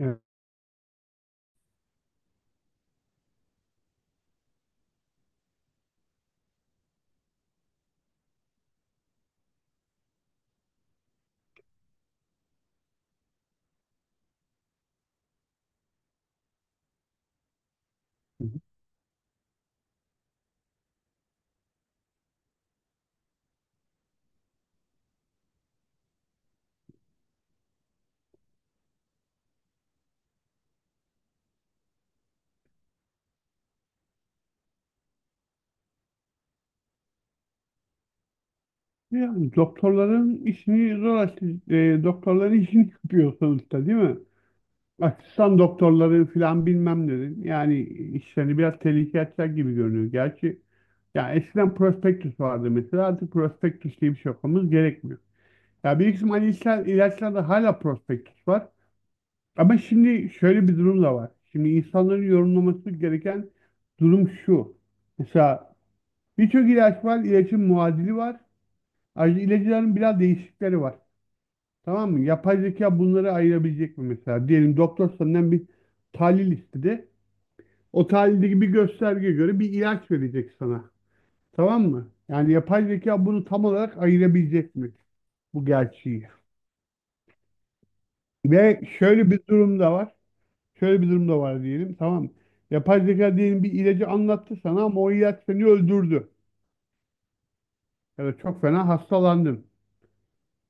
Evet. Yani doktorların işini zor açtı. Doktorların işini yapıyor sonuçta, değil mi? Asistan doktorları filan bilmem dedin. Yani işlerini biraz tehlikeye atacak gibi görünüyor. Gerçi ya eskiden prospektüs vardı mesela, artık prospektüs diye bir şey okumamız gerekmiyor. Ya bir kısım hani işler, ilaçlarda hala prospektüs var. Ama şimdi şöyle bir durum da var. Şimdi insanların yorumlaması gereken durum şu. Mesela birçok ilaç var, ilacın muadili var. Ayrıca ilaçların biraz değişikleri var. Tamam mı? Yapay zeka bunları ayırabilecek mi mesela? Diyelim doktor senden bir tahlil istedi. O tahlildeki bir göstergeye göre bir ilaç verecek sana. Tamam mı? Yani yapay zeka bunu tam olarak ayırabilecek mi? Bu gerçeği. Ve şöyle bir durum da var. Şöyle bir durum da var, diyelim. Tamam mı? Yapay zeka diyelim bir ilacı anlattı sana ama o ilaç seni öldürdü. Ya da çok fena hastalandın.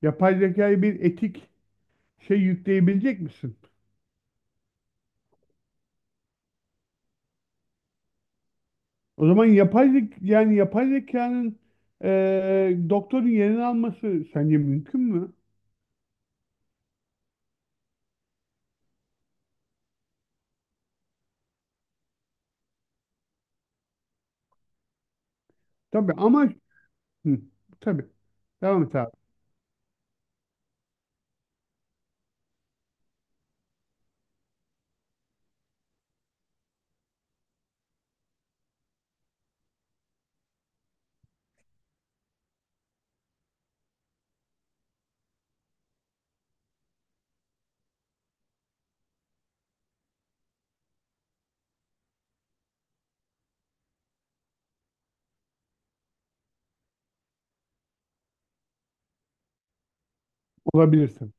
Yapay zekaya bir etik şey yükleyebilecek misin? O zaman yapay zek yani yapay zekanın doktorun yerini alması sence mümkün mü? Tabii ama, hı, tabii. Devam et abi. Olabilirsin.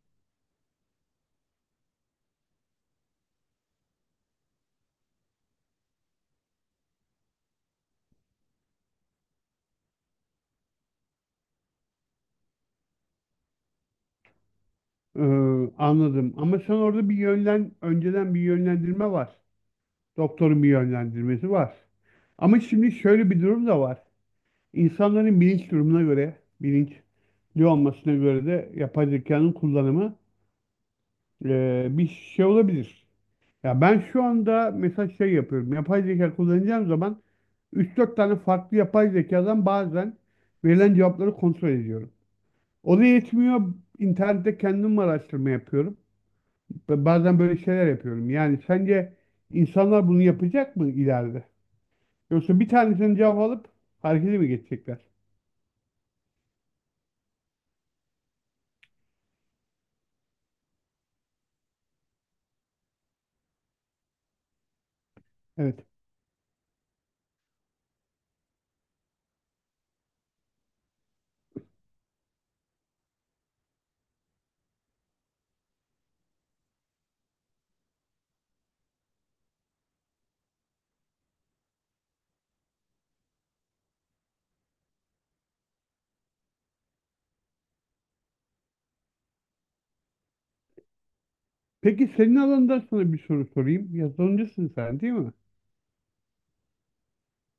Ee, Anladım. Ama sen orada bir yönlen önceden bir yönlendirme var. Doktorun bir yönlendirmesi var. Ama şimdi şöyle bir durum da var. İnsanların bilinç durumuna göre, bilinçli olmasına göre de yapay zekanın kullanımı bir şey olabilir. Ya ben şu anda mesela şey yapıyorum. Yapay zeka kullanacağım zaman üç dört tane farklı yapay zekadan bazen verilen cevapları kontrol ediyorum. O da yetmiyor. İnternette kendim araştırma yapıyorum. Ve bazen böyle şeyler yapıyorum. Yani sence insanlar bunu yapacak mı ileride? Yoksa bir tanesini cevap alıp harekete mi geçecekler? Evet. Peki senin alanında sana bir soru sorayım. Yazılımcısın sen, değil mi?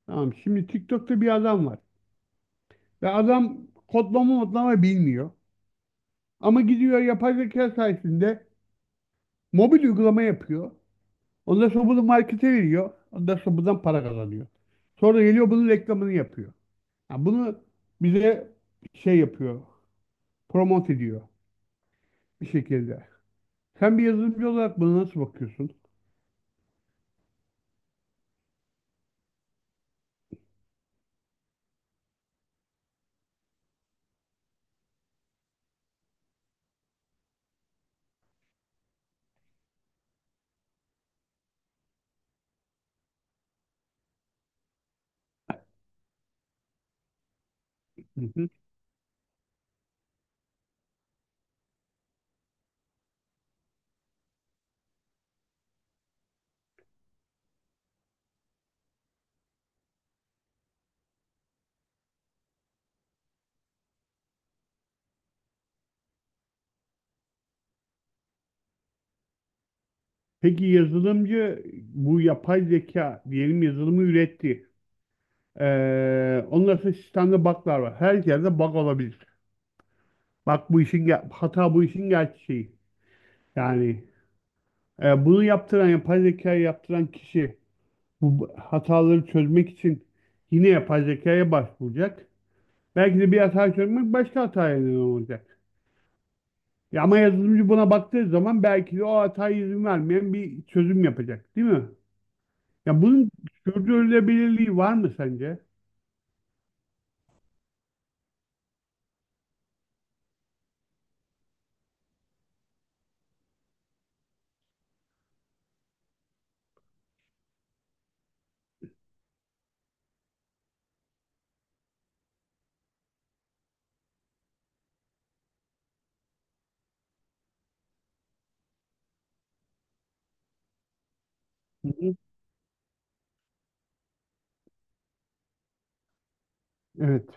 Tamam. Şimdi TikTok'ta bir adam var. Ve adam kodlama modlama bilmiyor. Ama gidiyor yapay zeka sayesinde mobil uygulama yapıyor. Ondan sonra bunu markete veriyor. Ondan sonra buradan para kazanıyor. Sonra geliyor bunun reklamını yapıyor. Ha, bunu bize şey yapıyor. Promote ediyor bir şekilde. Sen bir yazılımcı olarak buna nasıl bakıyorsun? Hı hı. Peki yazılımcı bu yapay zeka diyelim yazılımı üretti. Ondan sonra sistemde bug'lar var. Her yerde bug olabilir. Bak bu işin hata, bu işin gerçeği. Yani bunu yaptıran, yapay zekayı yaptıran kişi bu hataları çözmek için yine yapay zekaya başvuracak. Belki de bir hata çözmek başka hataya neden olacak. Ya ama yazılımcı buna baktığı zaman belki de o hataya izin vermeyen bir çözüm yapacak, değil mi? Ya bunun sürdürülebilirliği var mı sence? Hı hı. Evet.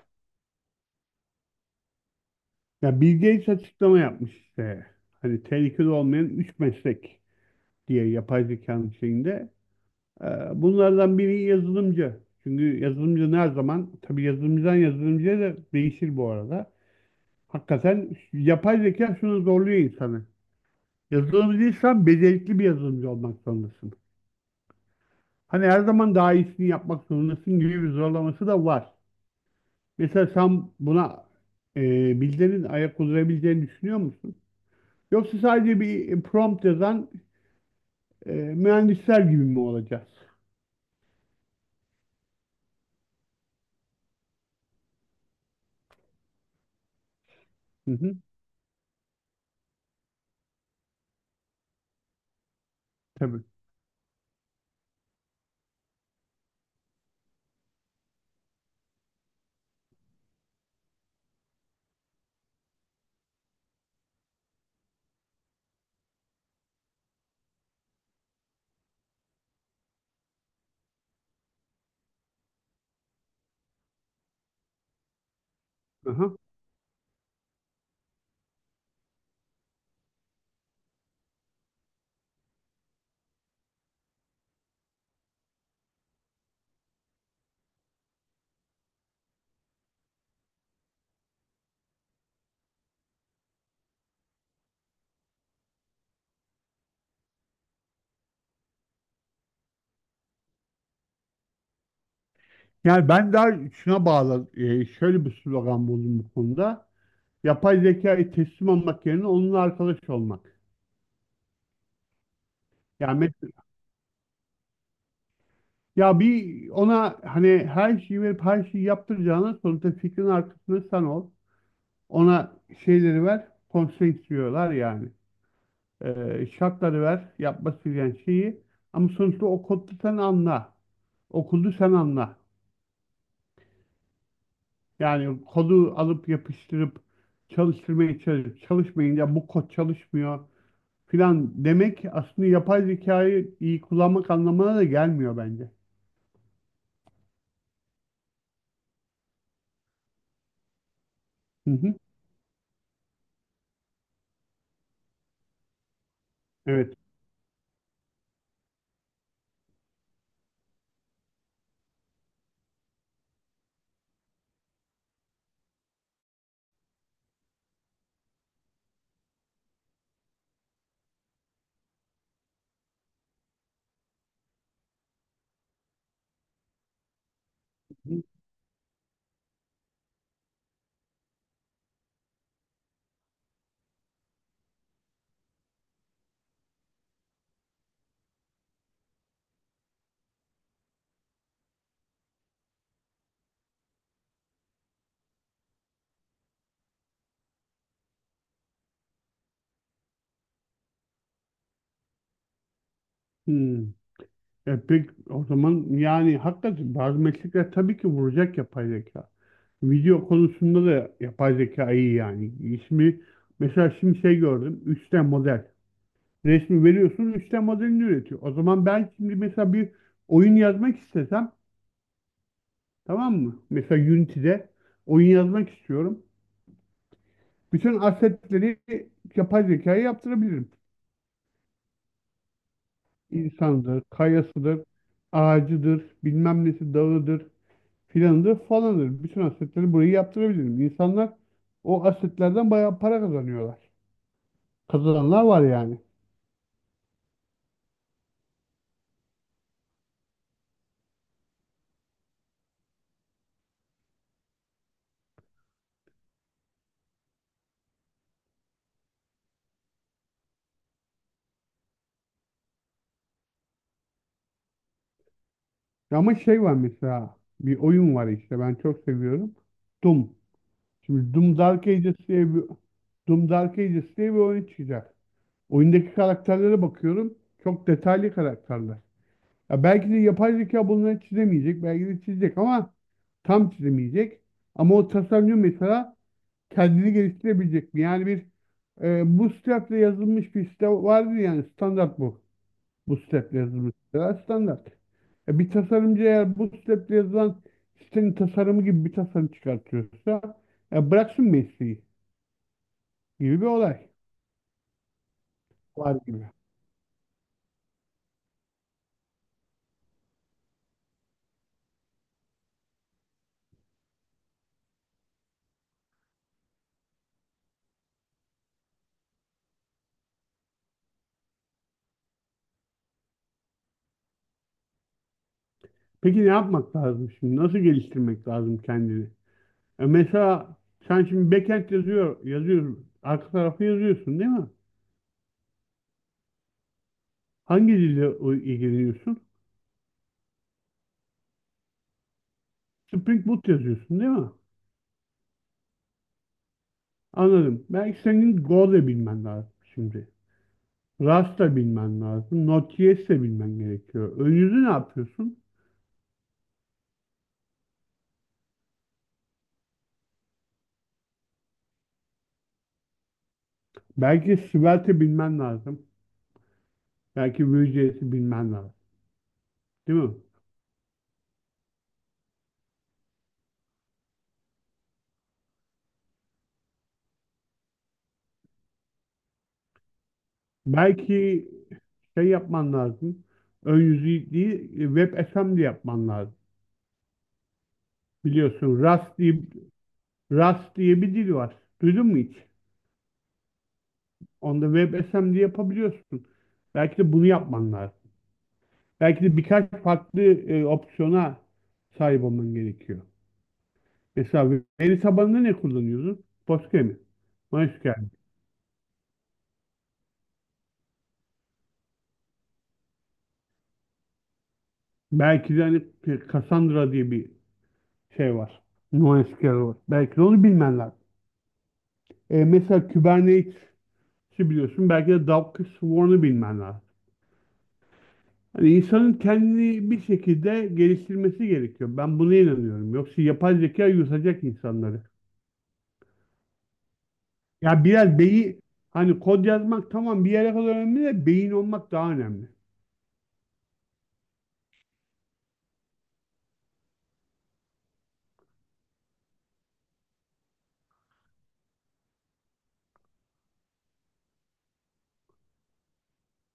Ya Bill Gates açıklama yapmış işte. Hani tehlikeli olmayan üç meslek diye yapay zekanın şeyinde. Ee, Bunlardan biri yazılımcı. Çünkü yazılımcı her zaman, tabii yazılımcıdan yazılımcıya da değişir bu arada. Hakikaten yapay zeka şunu zorluyor insanı. Yazılımcıysan becerikli bir yazılımcı olmak zorundasın. Hani her zaman daha iyisini yapmak zorundasın gibi bir zorlaması da var. Mesela sen buna e, Bill'lerin ayak uydurabileceğini düşünüyor musun? Yoksa sadece bir prompt yazan mühendisler gibi mi olacağız? Hı hı, tabii. Aha. Yani ben daha şuna bağlı, şöyle bir slogan buldum bu konuda. Yapay zekaya teslim olmak yerine onunla arkadaş olmak. Yani mes- Ya bir ona hani her şeyi verip her şeyi yaptıracağına, sonuçta fikrin arkasında sen ol. Ona şeyleri ver, constraints diyorlar yani. Şartları ver, yapması gereken şeyi. Ama sonuçta o kodu sen anla. Okuldu sen anla. Yani kodu alıp yapıştırıp çalıştırmaya çalışıp çalışmayın, ya bu kod çalışmıyor filan demek aslında yapay zekayı iyi kullanmak anlamına da gelmiyor bence. Hı hı. Evet. Hmm. Peki o zaman, yani hakikaten bazı meslekler tabii ki vuracak yapay zeka. Video konusunda da yapay zeka iyi yani. İsmi mesela şimdi şey gördüm, 3D model. Resmi veriyorsun, 3D modelini üretiyor. O zaman ben şimdi mesela bir oyun yazmak istesem. Tamam mı? Mesela Unity'de oyun yazmak istiyorum. Bütün assetleri yapay zekaya yaptırabilirim. İnsandır, kayasıdır, ağacıdır, bilmem nesi dağıdır, filanıdır, falandır. Bütün assetleri burayı yaptırabilirim. İnsanlar o assetlerden bayağı para kazanıyorlar. Kazananlar var yani. Ama şey var mesela, bir oyun var işte, ben çok seviyorum. Doom. Şimdi Doom Dark Ages diye bir oyun çıkacak. Oyundaki karakterlere bakıyorum. Çok detaylı karakterler. Ya belki de yapay zeka bunları çizemeyecek. Belki de çizecek ama tam çizemeyecek. Ama o tasarımcı mesela kendini geliştirebilecek mi? Yani bir bu step'le yazılmış bir site vardır yani, standart bu. Bu step'le yazılmış siteler standart. Bir tasarımcı eğer bu step'le yazılan sitenin tasarımı gibi bir tasarım çıkartıyorsa bıraksın mesleği gibi bir olay var gibi. Peki ne yapmak lazım şimdi? Nasıl geliştirmek lazım kendini? Mesela sen şimdi backend yazıyorsun. Arka tarafı yazıyorsun, değil mi? Hangi dille ilgileniyorsun? Spring Boot yazıyorsun, değil mi? Anladım. Belki senin Go da bilmen lazım şimdi. Rust da bilmen lazım. Node.js de bilmen gerekiyor. Ön yüzü ne yapıyorsun? Belki Svelte bilmen lazım. Belki Vue.js'i bilmen lazım. Değil mi? Belki şey yapman lazım. Ön yüzü değil, WebAssembly yapman lazım. Biliyorsun Rust diye bir dil var. Duydun mu hiç? Onda WebAssembly yapabiliyorsun. Belki de bunu yapman lazım. Belki de birkaç farklı opsiyona sahip olman gerekiyor. Mesela veri tabanında ne kullanıyorsun? Postgre mi? MySQL. Belki de hani Cassandra diye bir şey var. NoSQL var. Belki de onu bilmen lazım. Mesela Kubernetes, ki biliyorsun belki de Doug Swarm'u bilmen lazım. Hani insanın kendini bir şekilde geliştirmesi gerekiyor. Ben buna inanıyorum. Yoksa yapay zeka yutacak insanları. Ya biraz beyin, hani kod yazmak tamam bir yere kadar önemli de beyin olmak daha önemli.